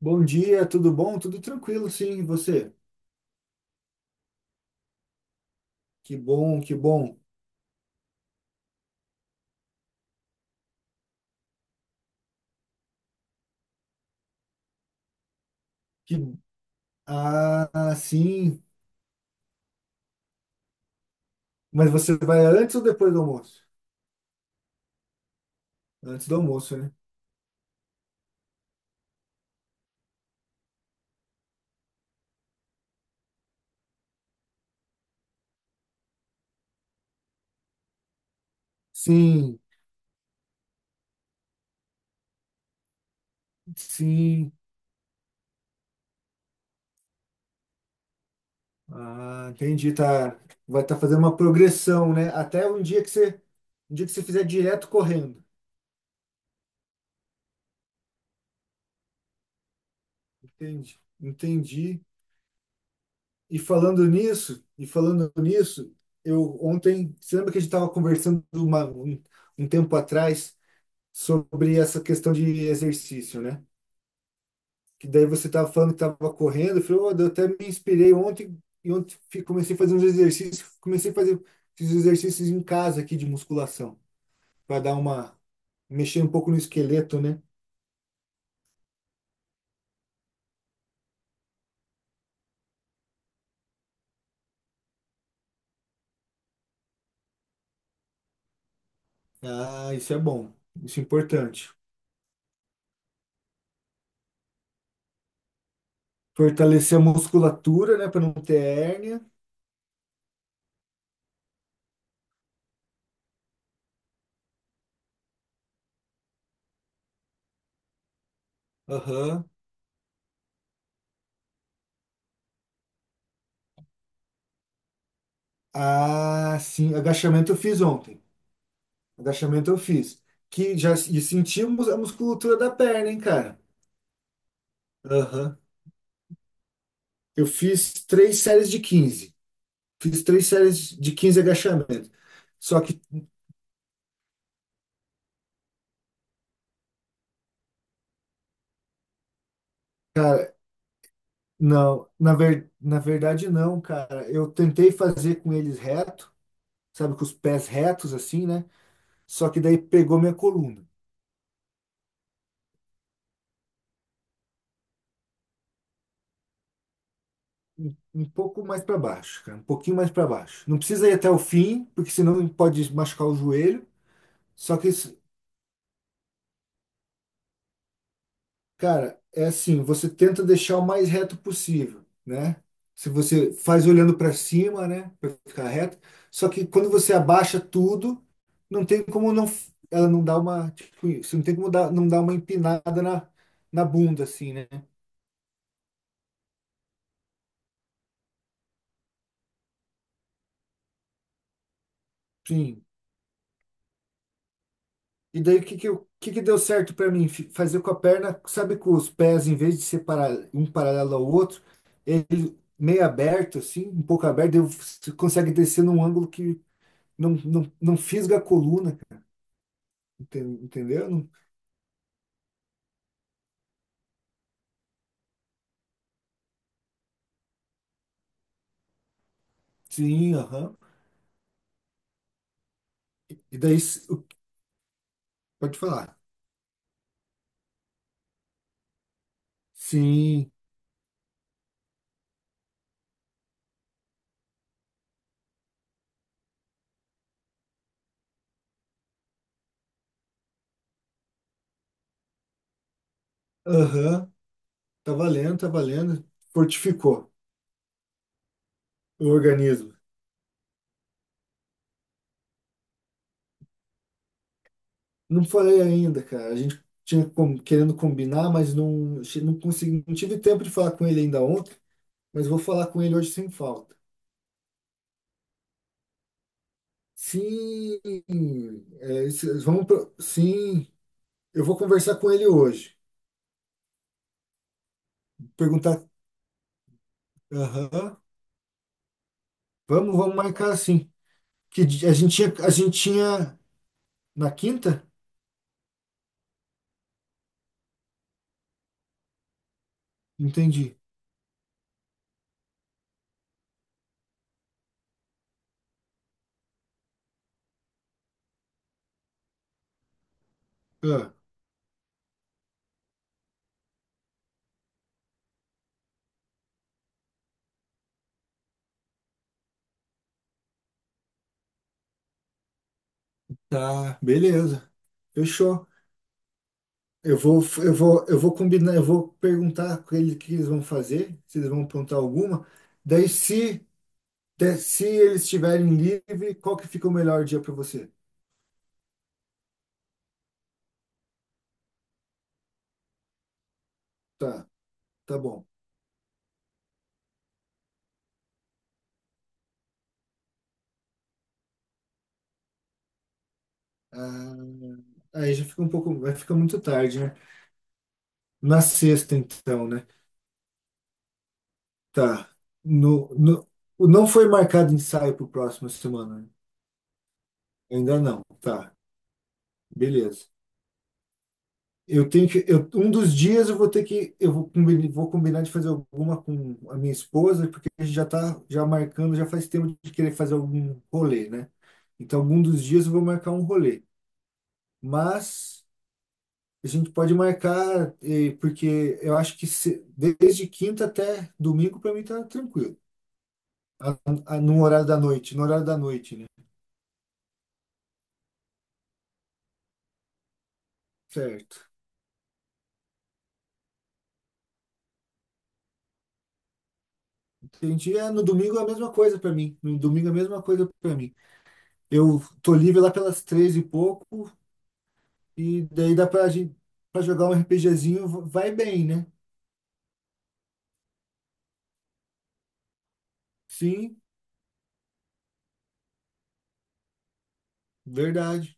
Bom dia, tudo bom? Tudo tranquilo, sim, e você? Que bom, que bom. Que... Ah, sim. Mas você vai antes ou depois do almoço? Antes do almoço, né? Sim, sim. Ah, entendi, tá. Vai estar fazendo uma progressão, né? Até um dia que você, um dia que você fizer direto correndo. Entendi, entendi. E falando nisso, eu ontem, você lembra que a gente estava conversando um tempo atrás sobre essa questão de exercício, né? Que daí você estava falando que estava correndo, eu falei, "Ô, eu até me inspirei ontem e ontem comecei a fazer uns exercícios, comecei a fazer esses exercícios em casa aqui de musculação, para dar uma mexer um pouco no esqueleto, né?" Ah, isso é bom, isso é importante. Fortalecer a musculatura, né, para não ter hérnia. Aham. Ah, sim, agachamento eu fiz ontem. Agachamento eu fiz. Que já e sentimos a musculatura da perna, hein, cara? Aham. Eu fiz 3 séries de 15. Fiz três séries de 15 agachamentos. Só que não, na verdade, não, cara. Eu tentei fazer com eles reto, sabe, com os pés retos, assim, né? Só que daí pegou minha coluna. Um pouco mais para baixo, cara. Um pouquinho mais para baixo. Não precisa ir até o fim, porque senão pode machucar o joelho. Só que, cara, é assim, você tenta deixar o mais reto possível, né? Se você faz olhando para cima, né, para ficar reto, só que quando você abaixa tudo, não tem como não ela não dar uma, tipo, isso, não tem como dar, não dar uma empinada na, na bunda assim, né? Sim. E daí o que que, o que que deu certo para mim? Fazer com a perna, sabe, com os pés em vez de separar um paralelo ao outro, ele meio aberto assim, um pouco aberto, daí você consegue descer num ângulo não fisga a coluna, entendeu? Não, sim, aham. E daí, se, pode falar. Sim, aham, tá valendo, tá valendo. Fortificou o organismo. Não falei ainda, cara. A gente tinha querendo combinar, mas não, não consegui, não tive tempo de falar com ele ainda ontem, mas vou falar com ele hoje sem falta. Sim, é, vamos, sim, eu vou conversar com ele hoje. Perguntar, aham, vamos marcar assim. A gente tinha na quinta? Entendi. Ah, tá, beleza. Fechou. Eu vou combinar, eu vou perguntar com eles o que eles vão fazer, se eles vão apontar alguma. Daí, se, se eles estiverem livre, qual que fica o melhor dia para você? Tá, tá bom. Ah, aí já fica um pouco, vai ficar muito tarde, né? Na sexta, então, né? Tá. No, no, não foi marcado ensaio para próxima semana, né? Ainda não. Tá. Beleza. Eu tenho que, eu, um dos dias eu vou ter que, eu vou combinar de fazer alguma com a minha esposa, porque a gente já tá já marcando, já faz tempo de querer fazer algum rolê, né? Então, algum dos dias eu vou marcar um rolê. Mas a gente pode marcar, porque eu acho que desde quinta até domingo para mim tá tranquilo. A- no horário da noite, né? Certo. Entendi. É, no domingo é a mesma coisa para mim. No domingo é a mesma coisa para mim. Eu tô livre lá pelas três e pouco, e daí dá pra gente pra jogar um RPGzinho, vai bem, né? Sim, verdade.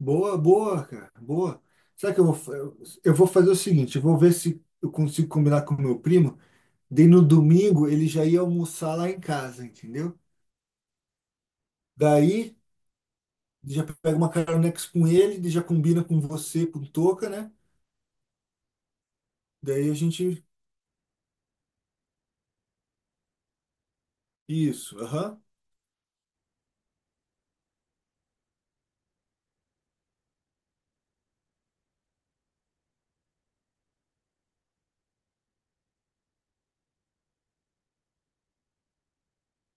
Boa, boa, cara, boa. Será que eu vou, eu vou fazer o seguinte, eu vou ver se eu consigo combinar com o meu primo, daí no domingo ele já ia almoçar lá em casa, entendeu? Daí já pega uma caronex com ele, daí já combina com você, com o Toca, né? Daí a gente. Isso, aham.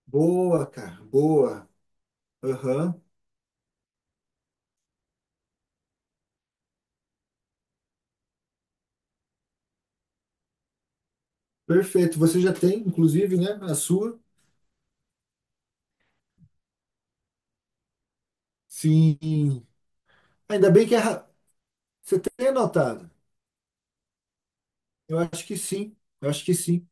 Boa, cara, boa. Aham. Perfeito. Você já tem, inclusive, né, a sua? Sim. Ainda bem que é você tem anotado. Eu acho que sim. Eu acho que sim.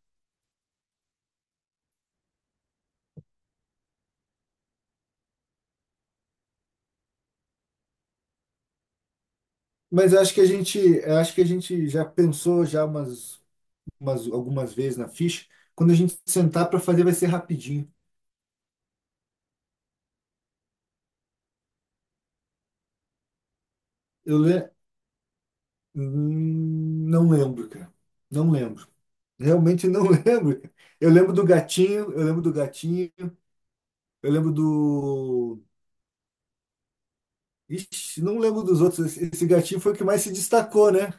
Mas eu acho que a gente, já pensou já umas algumas vezes na ficha. Quando a gente sentar para fazer vai ser rapidinho. Eu le... não lembro, cara. Não lembro. Realmente não lembro, cara. Eu lembro do gatinho, eu lembro do Ixi, não lembro dos outros. Esse gatinho foi o que mais se destacou, né?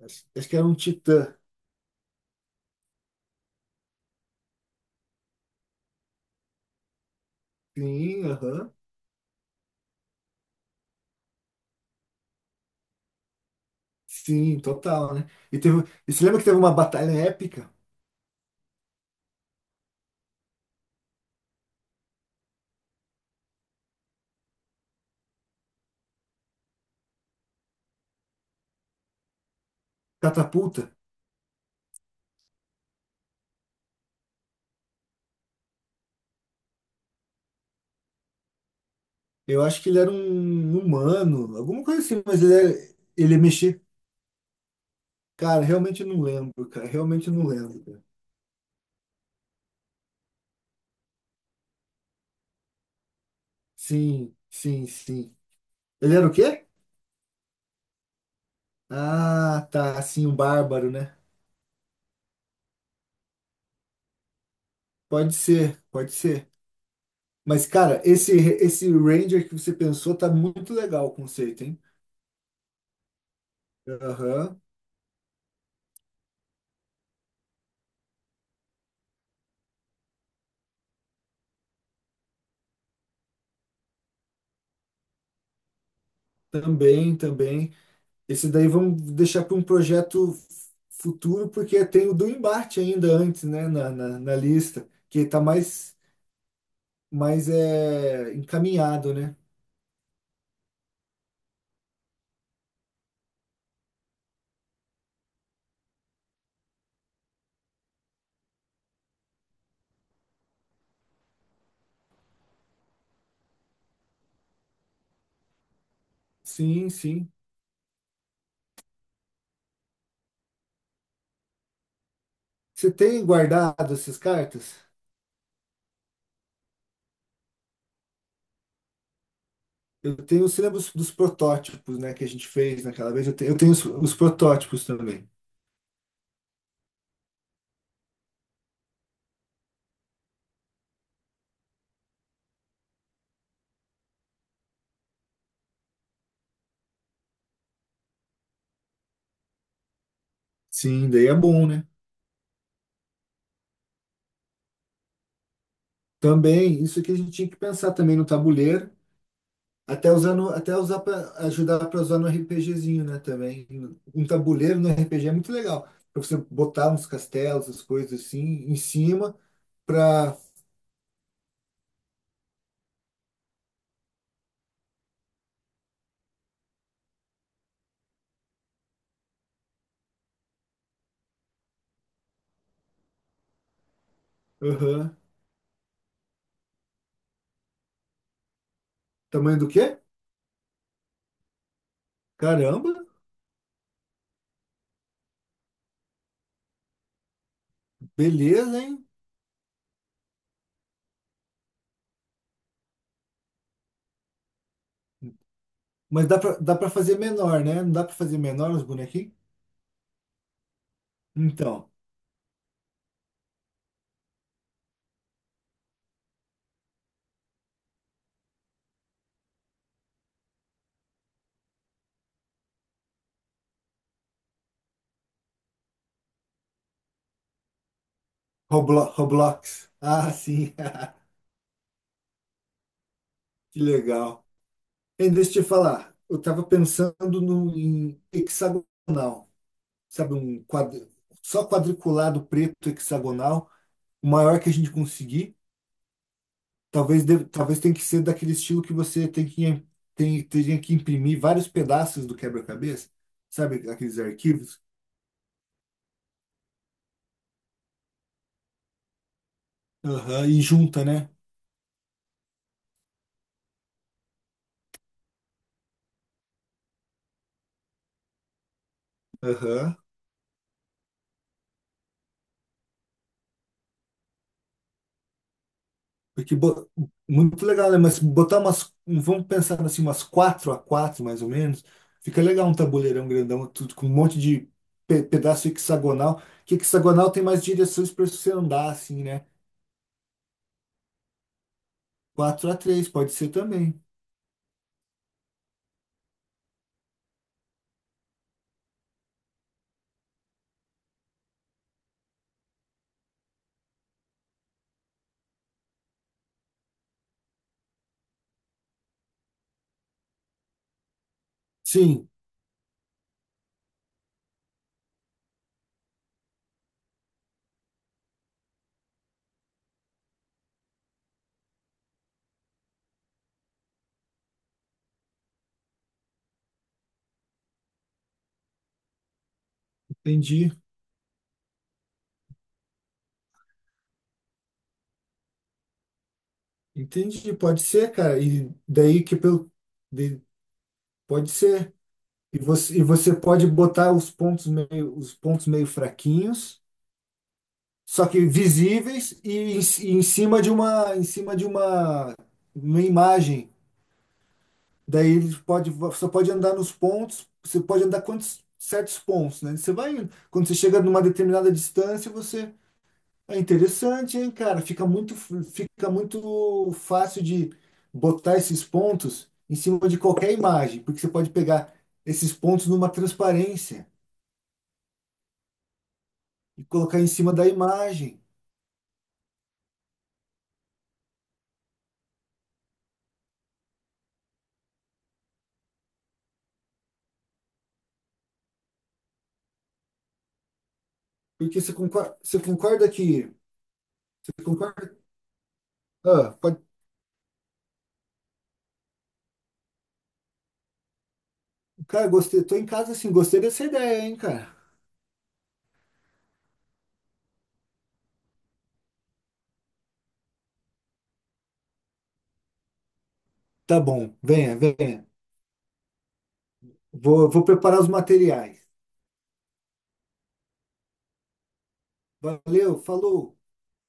Acho que era um titã. Sim, aham. Sim, total, né? E, teve, e você lembra que teve uma batalha épica? Catapulta? Eu acho que ele era um humano, alguma coisa assim, mas ele, ele mexia. Cara, realmente eu não lembro, cara. Sim, sim, sim. Ele era o quê? Ah, tá, assim, um bárbaro, né? Pode ser, pode ser. Mas, cara, esse Ranger que você pensou tá muito legal o conceito, hein? Aham, também, também. Esse daí vamos deixar para um projeto futuro, porque tem o do embate ainda antes, né, na lista, que está mais, mais é, encaminhado, né? Sim, sim. Você tem guardado essas cartas? Eu tenho, você lembra dos, dos protótipos, né, que a gente fez naquela vez? Eu tenho os protótipos também. Sim, daí é bom, né? Também, isso que a gente tinha que pensar também no tabuleiro. Até usando, até usar para ajudar para usar no RPGzinho, né, também. Um tabuleiro no RPG é muito legal, para você botar uns castelos, as coisas assim, em cima para aham. Tamanho do quê? Caramba, beleza, hein? Mas dá para dá para fazer menor, né? Não dá para fazer menor os bonequinhos? Então, Roblo- Roblox. Ah, sim. Que legal. E deixa eu te falar, eu tava pensando no, em hexagonal, sabe, um quadro, só quadriculado preto hexagonal, o maior que a gente conseguir. Talvez, talvez tenha que ser daquele estilo que você tem que, tem, teria que imprimir vários pedaços do quebra-cabeça, sabe, aqueles arquivos. Aham, e junta, né? Aham. Porque muito legal, né? Mas botar umas, vamos pensar assim, umas 4 a 4 mais ou menos, fica legal um tabuleirão grandão, tudo com um monte de pedaço hexagonal, que hexagonal tem mais direções para você andar, assim, né? 4 a 3 pode ser também. Sim, entendi. Entendi, pode ser, cara. E daí que pelo, de- pode ser. E você, pode botar os pontos meio fraquinhos, só que visíveis e, em cima de uma, uma imagem. Daí ele pode, você pode andar nos pontos, você pode andar quantos certos pontos, né? Você vai indo. Quando você chega numa determinada distância, você é interessante, hein, cara? Fica muito fácil de botar esses pontos em cima de qualquer imagem, porque você pode pegar esses pontos numa transparência e colocar em cima da imagem. Porque você concorda que. Você concorda? Ah, pode, cara, gostei. Tô em casa assim, gostei dessa ideia, hein, cara? Tá bom, venha, venha. Vou, vou preparar os materiais. Valeu, falou.